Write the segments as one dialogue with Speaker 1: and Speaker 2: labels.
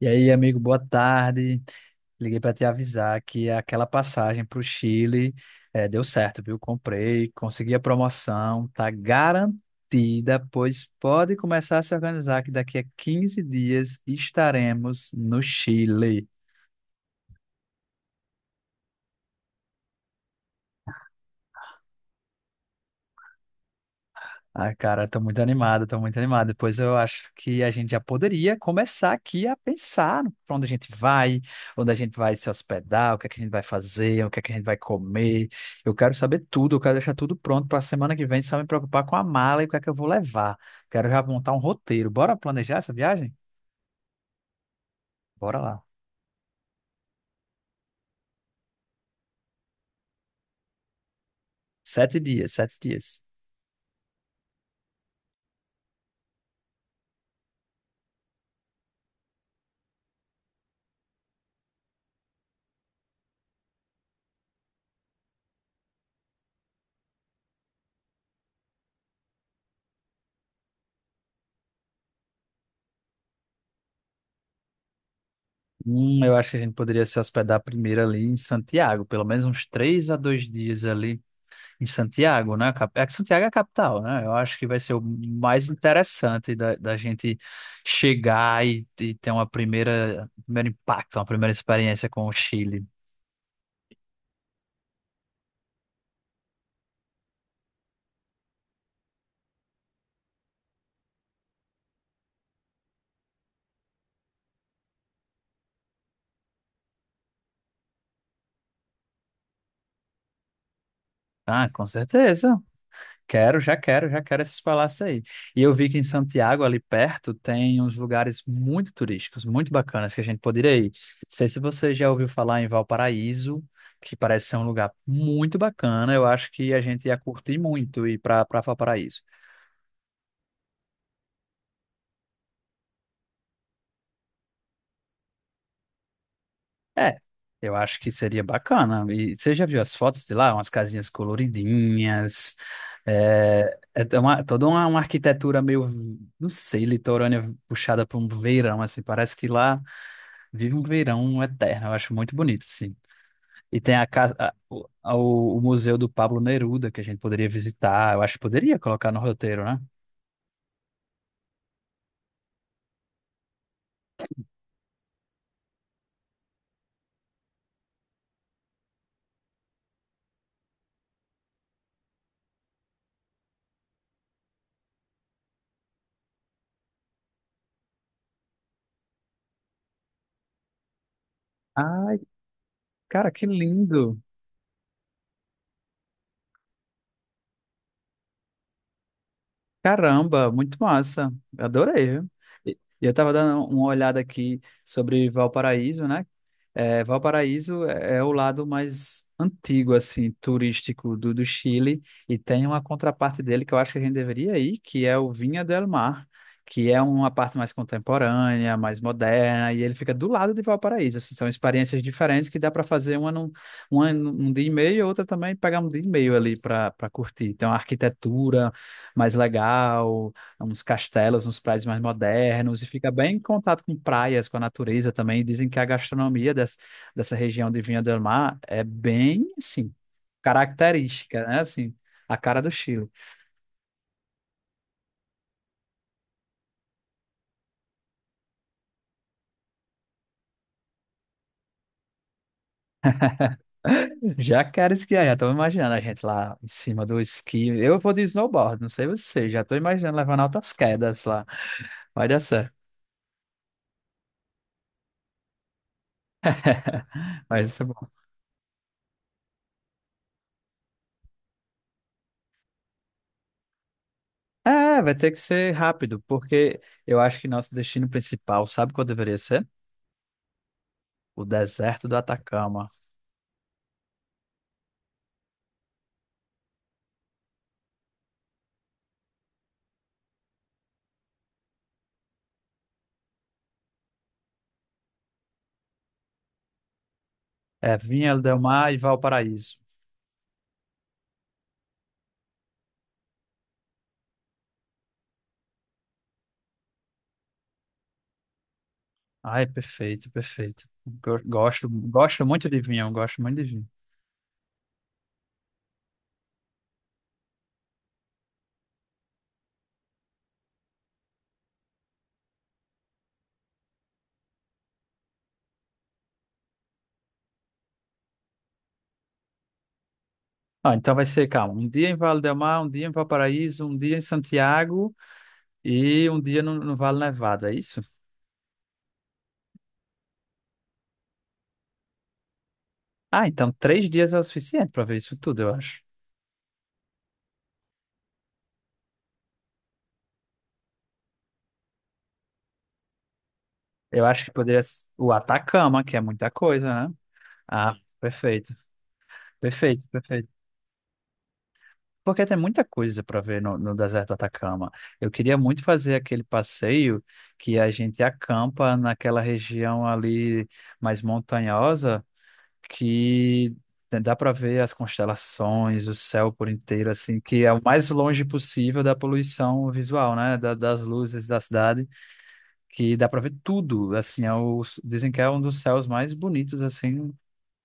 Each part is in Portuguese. Speaker 1: E aí, amigo, boa tarde. Liguei para te avisar que aquela passagem para o Chile deu certo, viu? Comprei, consegui a promoção, tá garantida, pois pode começar a se organizar que daqui a 15 dias estaremos no Chile. Ai, cara, tô muito animado, tô muito animado. Depois eu acho que a gente já poderia começar aqui a pensar pra onde a gente vai, onde a gente vai se hospedar, o que é que a gente vai fazer, o que é que a gente vai comer. Eu quero saber tudo, eu quero deixar tudo pronto pra semana que vem, só me preocupar com a mala e o que é que eu vou levar. Quero já montar um roteiro. Bora planejar essa viagem? Bora lá. Sete dias, sete dias. Eu acho que a gente poderia se hospedar primeiro ali em Santiago, pelo menos uns três a dois dias ali em Santiago, né? É que Santiago é a capital, né? Eu acho que vai ser o mais interessante da gente chegar e ter uma primeira, um primeiro impacto, uma primeira experiência com o Chile. Ah, com certeza. Quero, já quero, já quero esses palácios aí. E eu vi que em Santiago, ali perto, tem uns lugares muito turísticos, muito bacanas que a gente poderia ir. Não sei se você já ouviu falar em Valparaíso, que parece ser um lugar muito bacana. Eu acho que a gente ia curtir muito ir para Valparaíso. É, eu acho que seria bacana. E você já viu as fotos de lá? Umas casinhas coloridinhas. Toda uma arquitetura meio, não sei, litorânea puxada para um verão, assim. Parece que lá vive um verão eterno. Eu acho muito bonito, assim. E tem a casa, a- o Museu do Pablo Neruda, que a gente poderia visitar. Eu acho que poderia colocar no roteiro, né? Ai, cara, que lindo! Caramba, muito massa. Adorei, viu? E eu estava dando uma olhada aqui sobre Valparaíso, né? É, Valparaíso é o lado mais antigo, assim, turístico do Chile e tem uma contraparte dele que eu acho que a gente deveria ir, que é o Viña del Mar, que é uma parte mais contemporânea, mais moderna e ele fica do lado de Valparaíso. Assim, são experiências diferentes que dá para fazer uma num dia e meio, outra também pegar um dia e meio ali para curtir. Então, a arquitetura mais legal, uns castelos, uns prédios mais modernos, e fica bem em contato com praias, com a natureza também. Dizem que a gastronomia dessa região de Vinha del Mar é bem, assim, característica, né? Assim, a cara do Chile. Já quero esquiar, já estou imaginando a gente lá em cima do esqui. Eu vou de snowboard, não sei você, já estou imaginando levando altas quedas lá. Vai dar certo. Vai ser bom. É, vai ter que ser rápido, porque eu acho que nosso destino principal, sabe qual deveria ser? O deserto do Atacama. É Vinha del Mar e Valparaíso. Ai, perfeito, perfeito. Gosto, gosto muito de vinho, gosto muito de vinho. Ah, então vai ser, calma, um dia em Vale del Mar, um dia em Valparaíso, um dia em Santiago e um dia no Vale Nevado, é isso? Ah, então três dias é o suficiente para ver isso tudo, eu acho. Eu acho que poderia ser o Atacama, que é muita coisa, né? Ah, perfeito, perfeito, perfeito. Porque tem muita coisa para ver no deserto do Atacama. Eu queria muito fazer aquele passeio que a gente acampa naquela região ali mais montanhosa, que dá para ver as constelações, o céu por inteiro, assim, que é o mais longe possível da poluição visual, né? Das luzes da cidade, que dá para ver tudo. Assim, dizem que é um dos céus mais bonitos assim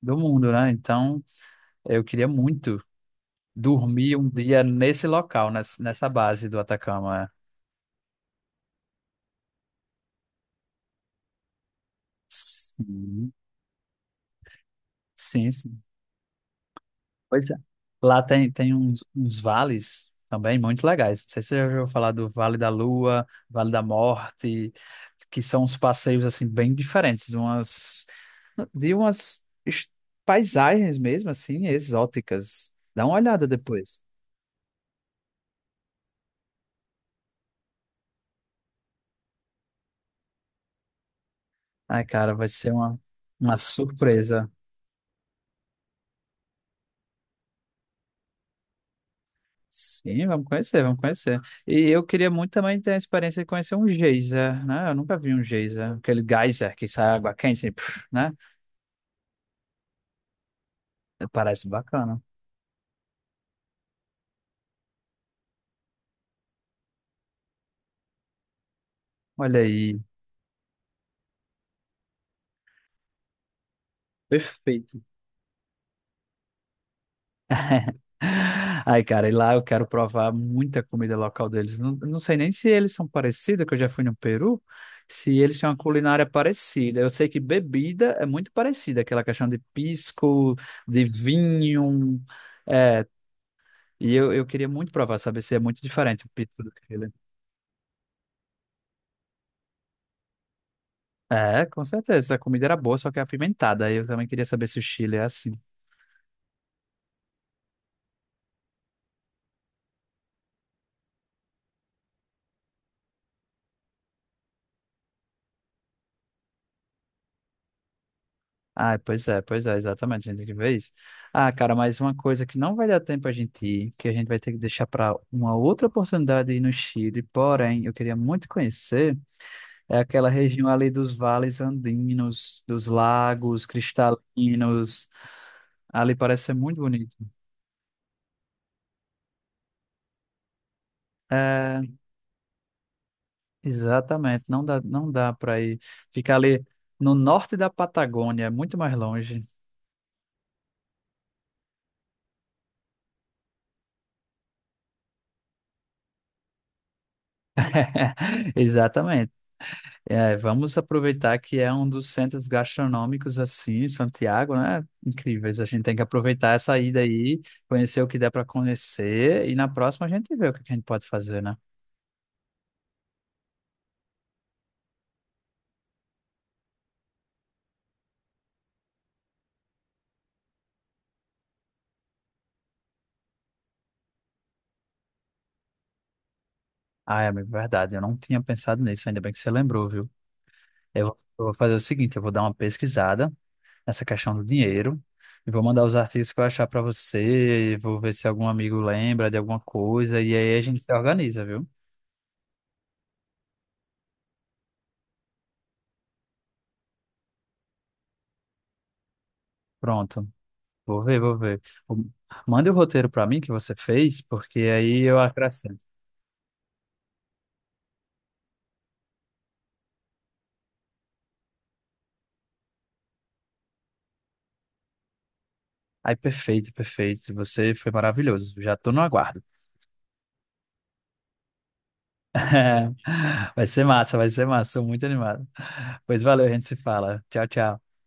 Speaker 1: do mundo, né? Então, eu queria muito dormi um dia nesse local, nessa base do Atacama. É. Sim, sim, sim. Pois é. Lá tem, tem uns, uns vales também muito legais. Não sei se você já ouviu falar do Vale da Lua, Vale da Morte, que são uns passeios assim bem diferentes, umas de umas es- paisagens mesmo assim exóticas. Dá uma olhada depois. Ai, cara, vai ser uma surpresa. Sim, vamos conhecer, vamos conhecer. E eu queria muito também ter a experiência de conhecer um geyser, né? Eu nunca vi um geyser, aquele geyser que sai água quente, assim, puf, né? Parece bacana. Olha aí. Perfeito. Ai, cara, e lá eu quero provar muita comida local deles. Não sei nem se eles são parecidos, que eu já fui no Peru, se eles têm uma culinária parecida. Eu sei que bebida é muito parecida, aquela questão de pisco, de vinho. É, e eu queria muito provar, saber se é muito diferente o pito do Chile. É, com certeza. A comida era boa, só que apimentada. Aí eu também queria saber se o Chile é assim. Ah, pois é, exatamente. A gente tem que ver isso. Ah, cara, mas uma coisa que não vai dar tempo a gente ir, que a gente vai ter que deixar para uma outra oportunidade ir no Chile, porém, eu queria muito conhecer, é aquela região ali dos vales andinos, dos lagos cristalinos. Ali parece ser muito bonito. É, exatamente, não dá, não dá para ir ficar ali no norte da Patagônia, é muito mais longe. Exatamente. É, vamos aproveitar que é um dos centros gastronômicos assim, em Santiago, né? Incríveis. A gente tem que aproveitar essa ida aí, conhecer o que der para conhecer e na próxima a gente vê o que que a gente pode fazer, né? Ah, é amigo, verdade. Eu não tinha pensado nisso, ainda bem que você lembrou, viu? Eu, eu vou fazer o seguinte, eu vou dar uma pesquisada essa questão do dinheiro. E vou mandar os artigos que eu achar para você, vou ver se algum amigo lembra de alguma coisa, e aí a gente se organiza, viu? Pronto. Vou ver, vou ver. O- Manda o roteiro para mim que você fez, porque aí eu acrescento. Aí, perfeito, perfeito. Você foi maravilhoso. Já tô no aguardo. Vai ser massa, vai ser massa. Sou muito animado. Pois valeu, a gente se fala. Tchau, tchau.